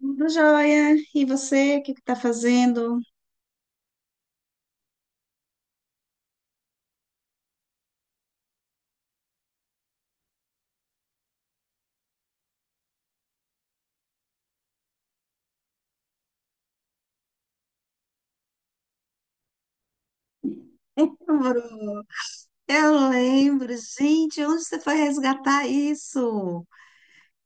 Tudo jóia. E você, o que tá fazendo? Lembro. Eu lembro, gente, onde você foi resgatar isso?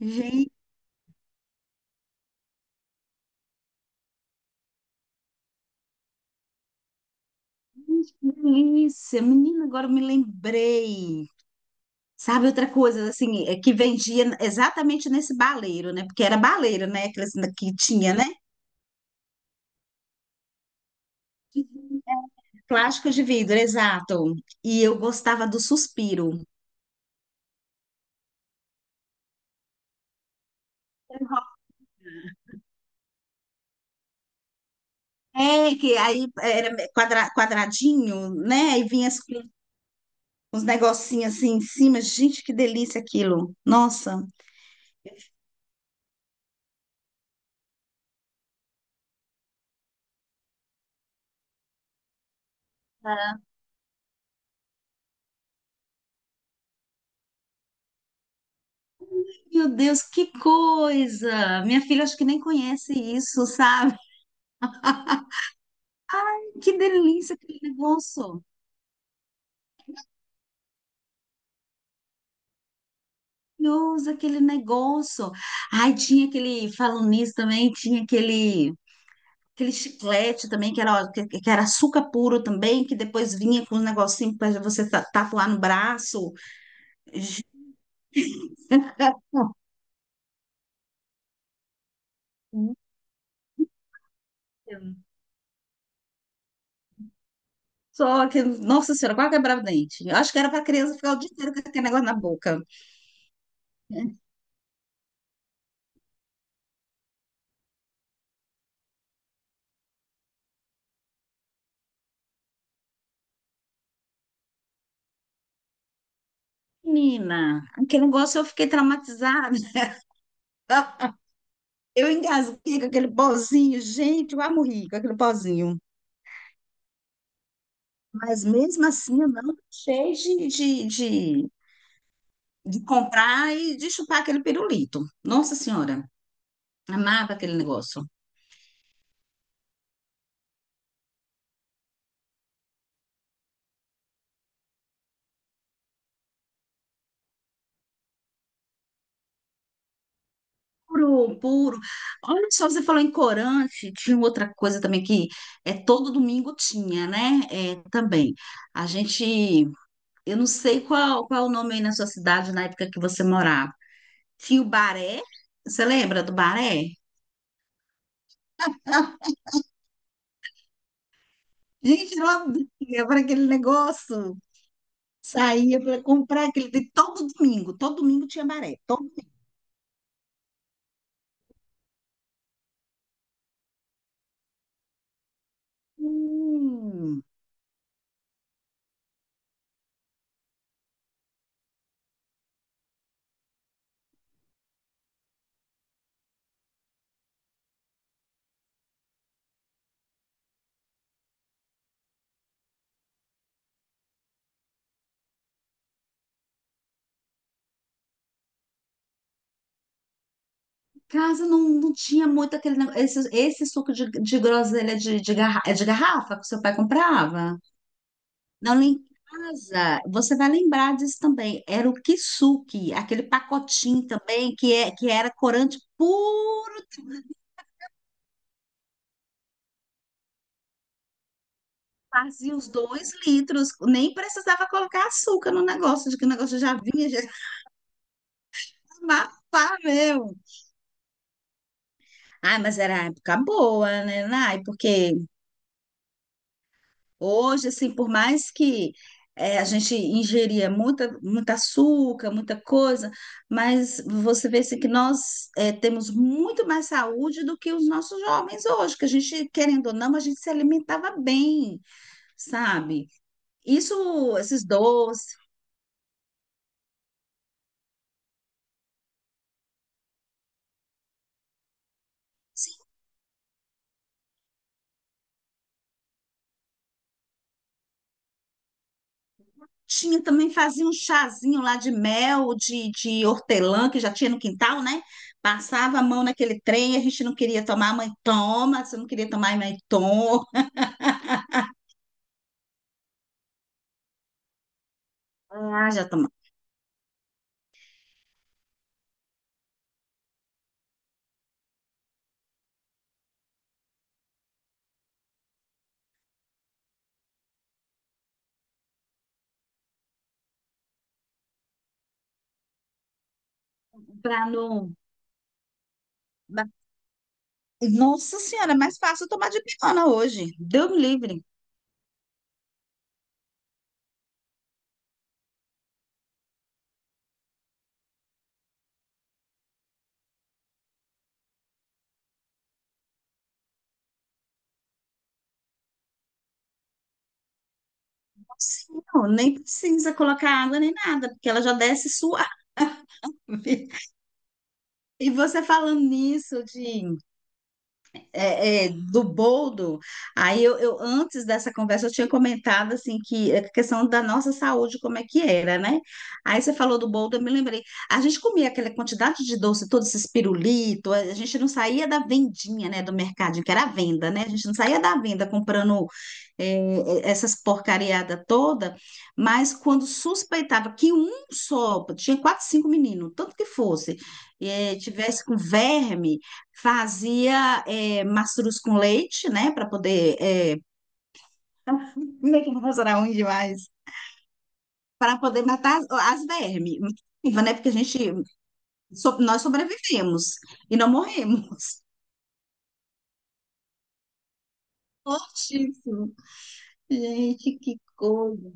Gente, que delícia. Menina, agora eu me lembrei. Sabe outra coisa, assim, é que vendia exatamente nesse baleiro, né? Porque era baleiro, né? Aqueles que tinha, né? Plástico de vidro, exato. E eu gostava do suspiro. É, que aí era quadradinho, né? E vinha as uns negocinhos assim em cima. Gente, que delícia aquilo. Nossa. Meu Deus, que coisa! Minha filha acho que nem conhece isso, sabe? Que delícia aquele negócio. Maravilhoso aquele negócio. Ai, tinha aquele, falando nisso também, tinha aquele chiclete também que era açúcar puro também, que depois vinha com um negocinho para você tatuar no braço. Só que, nossa senhora, quase quebrava o dente. Eu acho que era para criança ficar o dia inteiro com aquele negócio na boca. Menina, aquele negócio eu fiquei traumatizada. Eu engasguei com aquele pozinho, gente, eu quase morri com aquele pozinho. Mas mesmo assim, eu não deixei de, de comprar e de chupar aquele pirulito. Nossa senhora, amava aquele negócio. Puro, puro. Olha só, você falou em corante, tinha outra coisa também que é, todo domingo tinha, né? É, também. A gente. Eu não sei qual, qual o nome aí na sua cidade na época que você morava. Tinha o Baré? Você lembra do Baré? Gente, eu ia para aquele negócio. Saía para comprar aquele. Todo domingo tinha Baré. Todo... Hum, casa não, não tinha muito aquele negócio. Esse suco de groselha de garra... é de garrafa que seu pai comprava. Não, lá em casa, você vai lembrar disso também. Era o kisuke, aquele pacotinho também que, é, que era corante puro. Fazia os 2 litros, nem precisava colocar açúcar no negócio, de que o negócio já vinha, já ia mafar mesmo. Ai, mas era a época boa, né, Nai? Porque hoje, assim, por mais que a gente ingeria muita, muito açúcar, muita coisa, mas você vê assim, que nós temos muito mais saúde do que os nossos jovens hoje, que a gente, querendo ou não, a gente se alimentava bem, sabe? Isso, esses doces. Tinha também, fazia um chazinho lá de mel, de hortelã, que já tinha no quintal, né? Passava a mão naquele trem, a gente não queria tomar, mãe toma, se não queria tomar, mãe toma. Ah, já toma. Pra não. ba- Nossa Senhora, é mais fácil tomar de pirona hoje. Deus me livre. Sim, não, nem precisa colocar água nem nada, porque ela já desce suave. E você falando nisso de do boldo, aí eu, antes dessa conversa, eu tinha comentado, assim, que a questão da nossa saúde, como é que era, né? Aí você falou do boldo, eu me lembrei. A gente comia aquela quantidade de doce, todos esses pirulitos, a gente não saía da vendinha, né, do mercadinho, que era a venda, né? A gente não saía da venda comprando essas porcariadas toda, mas quando suspeitava que um só, tinha quatro, cinco meninos, tanto que fosse, tivesse com verme. Fazia é, mastruz com leite, né? Para poder. É... Leite não era ruim demais. Para poder matar as, as vermes. Né? Porque a gente. Nós sobrevivemos e não morremos. Fortíssimo. Gente, que coisa.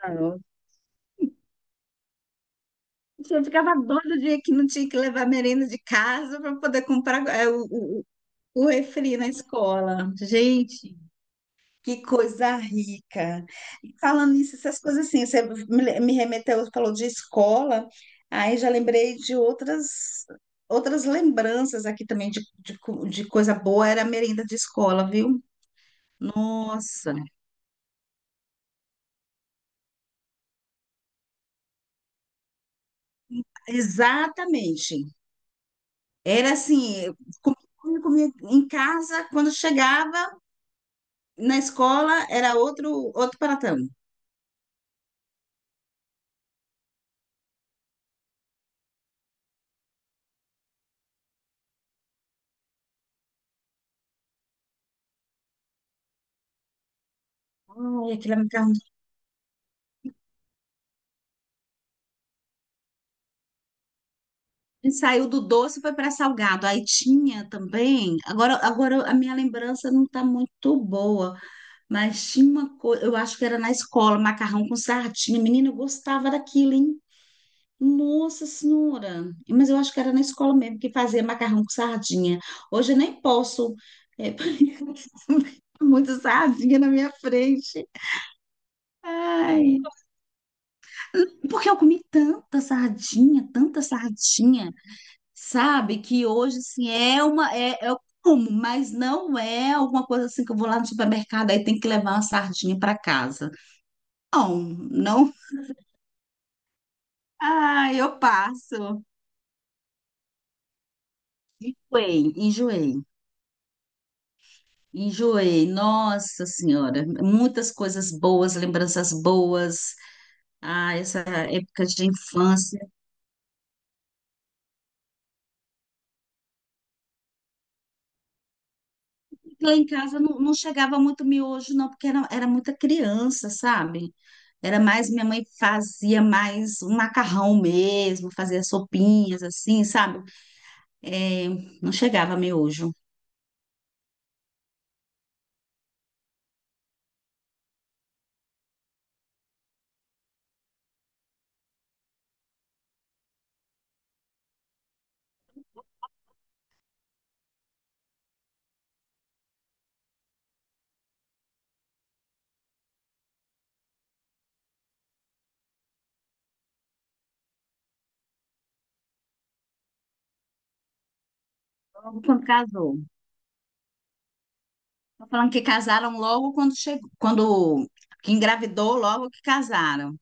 Carol. Eu ficava doida o dia que não tinha que levar merenda de casa para poder comprar o refri na escola. Gente. Que coisa rica. E falando nisso, essas coisas assim, você me remeteu, falou de escola, aí já lembrei de outras outras lembranças aqui também de coisa boa, era a merenda de escola, viu? Nossa, exatamente. Era assim, eu comia em casa, quando chegava na escola, era outro pratão. Ai, aquilo me. E saiu do doce foi para salgado. Aí tinha também. Agora a minha lembrança não está muito boa, mas tinha uma coisa. Eu acho que era na escola, macarrão com sardinha. Menina, eu gostava daquilo, hein? Nossa Senhora! Mas eu acho que era na escola mesmo que fazia macarrão com sardinha. Hoje eu nem posso. É, muita sardinha na minha frente. Ai, porque eu comi tanta sardinha, tanta sardinha. Sabe? Que hoje, assim, é como, mas não é alguma coisa assim que eu vou lá no supermercado aí tem que levar uma sardinha para casa. Não, não. Ah, eu passo. Enjoei, enjoei. Enjoei, nossa senhora, muitas coisas boas, lembranças boas. Ah, essa época de infância. Lá em casa não, não chegava muito miojo, não, porque era muita criança, sabe? Era mais, minha mãe fazia mais um macarrão mesmo, fazia sopinhas assim, sabe? É, não chegava miojo. Logo quando casou. Tô falando que casaram logo quando chegou, quando que engravidou, logo que casaram.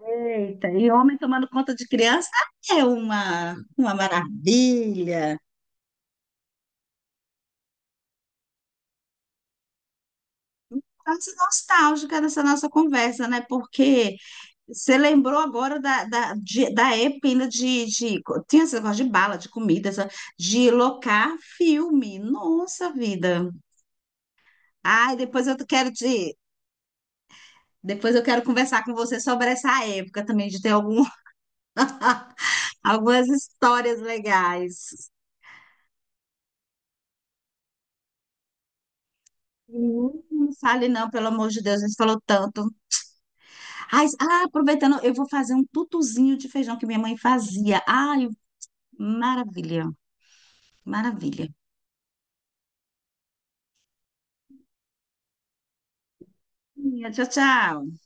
Eita, e homem tomando conta de criança é uma maravilha. Estamos nostálgica dessa nossa conversa, né? Porque você lembrou agora da época ainda de, de. Tinha esse negócio de bala, de comida, essa- de locar filme. Nossa vida. Ai, depois eu quero te. Depois eu quero conversar com você sobre essa época também, de ter algum, algumas histórias legais. Não fale não, pelo amor de Deus, a gente falou tanto. Ai, ah, aproveitando, eu vou fazer um tutuzinho de feijão que minha mãe fazia. Ai, maravilha, maravilha. Tchau, tchau.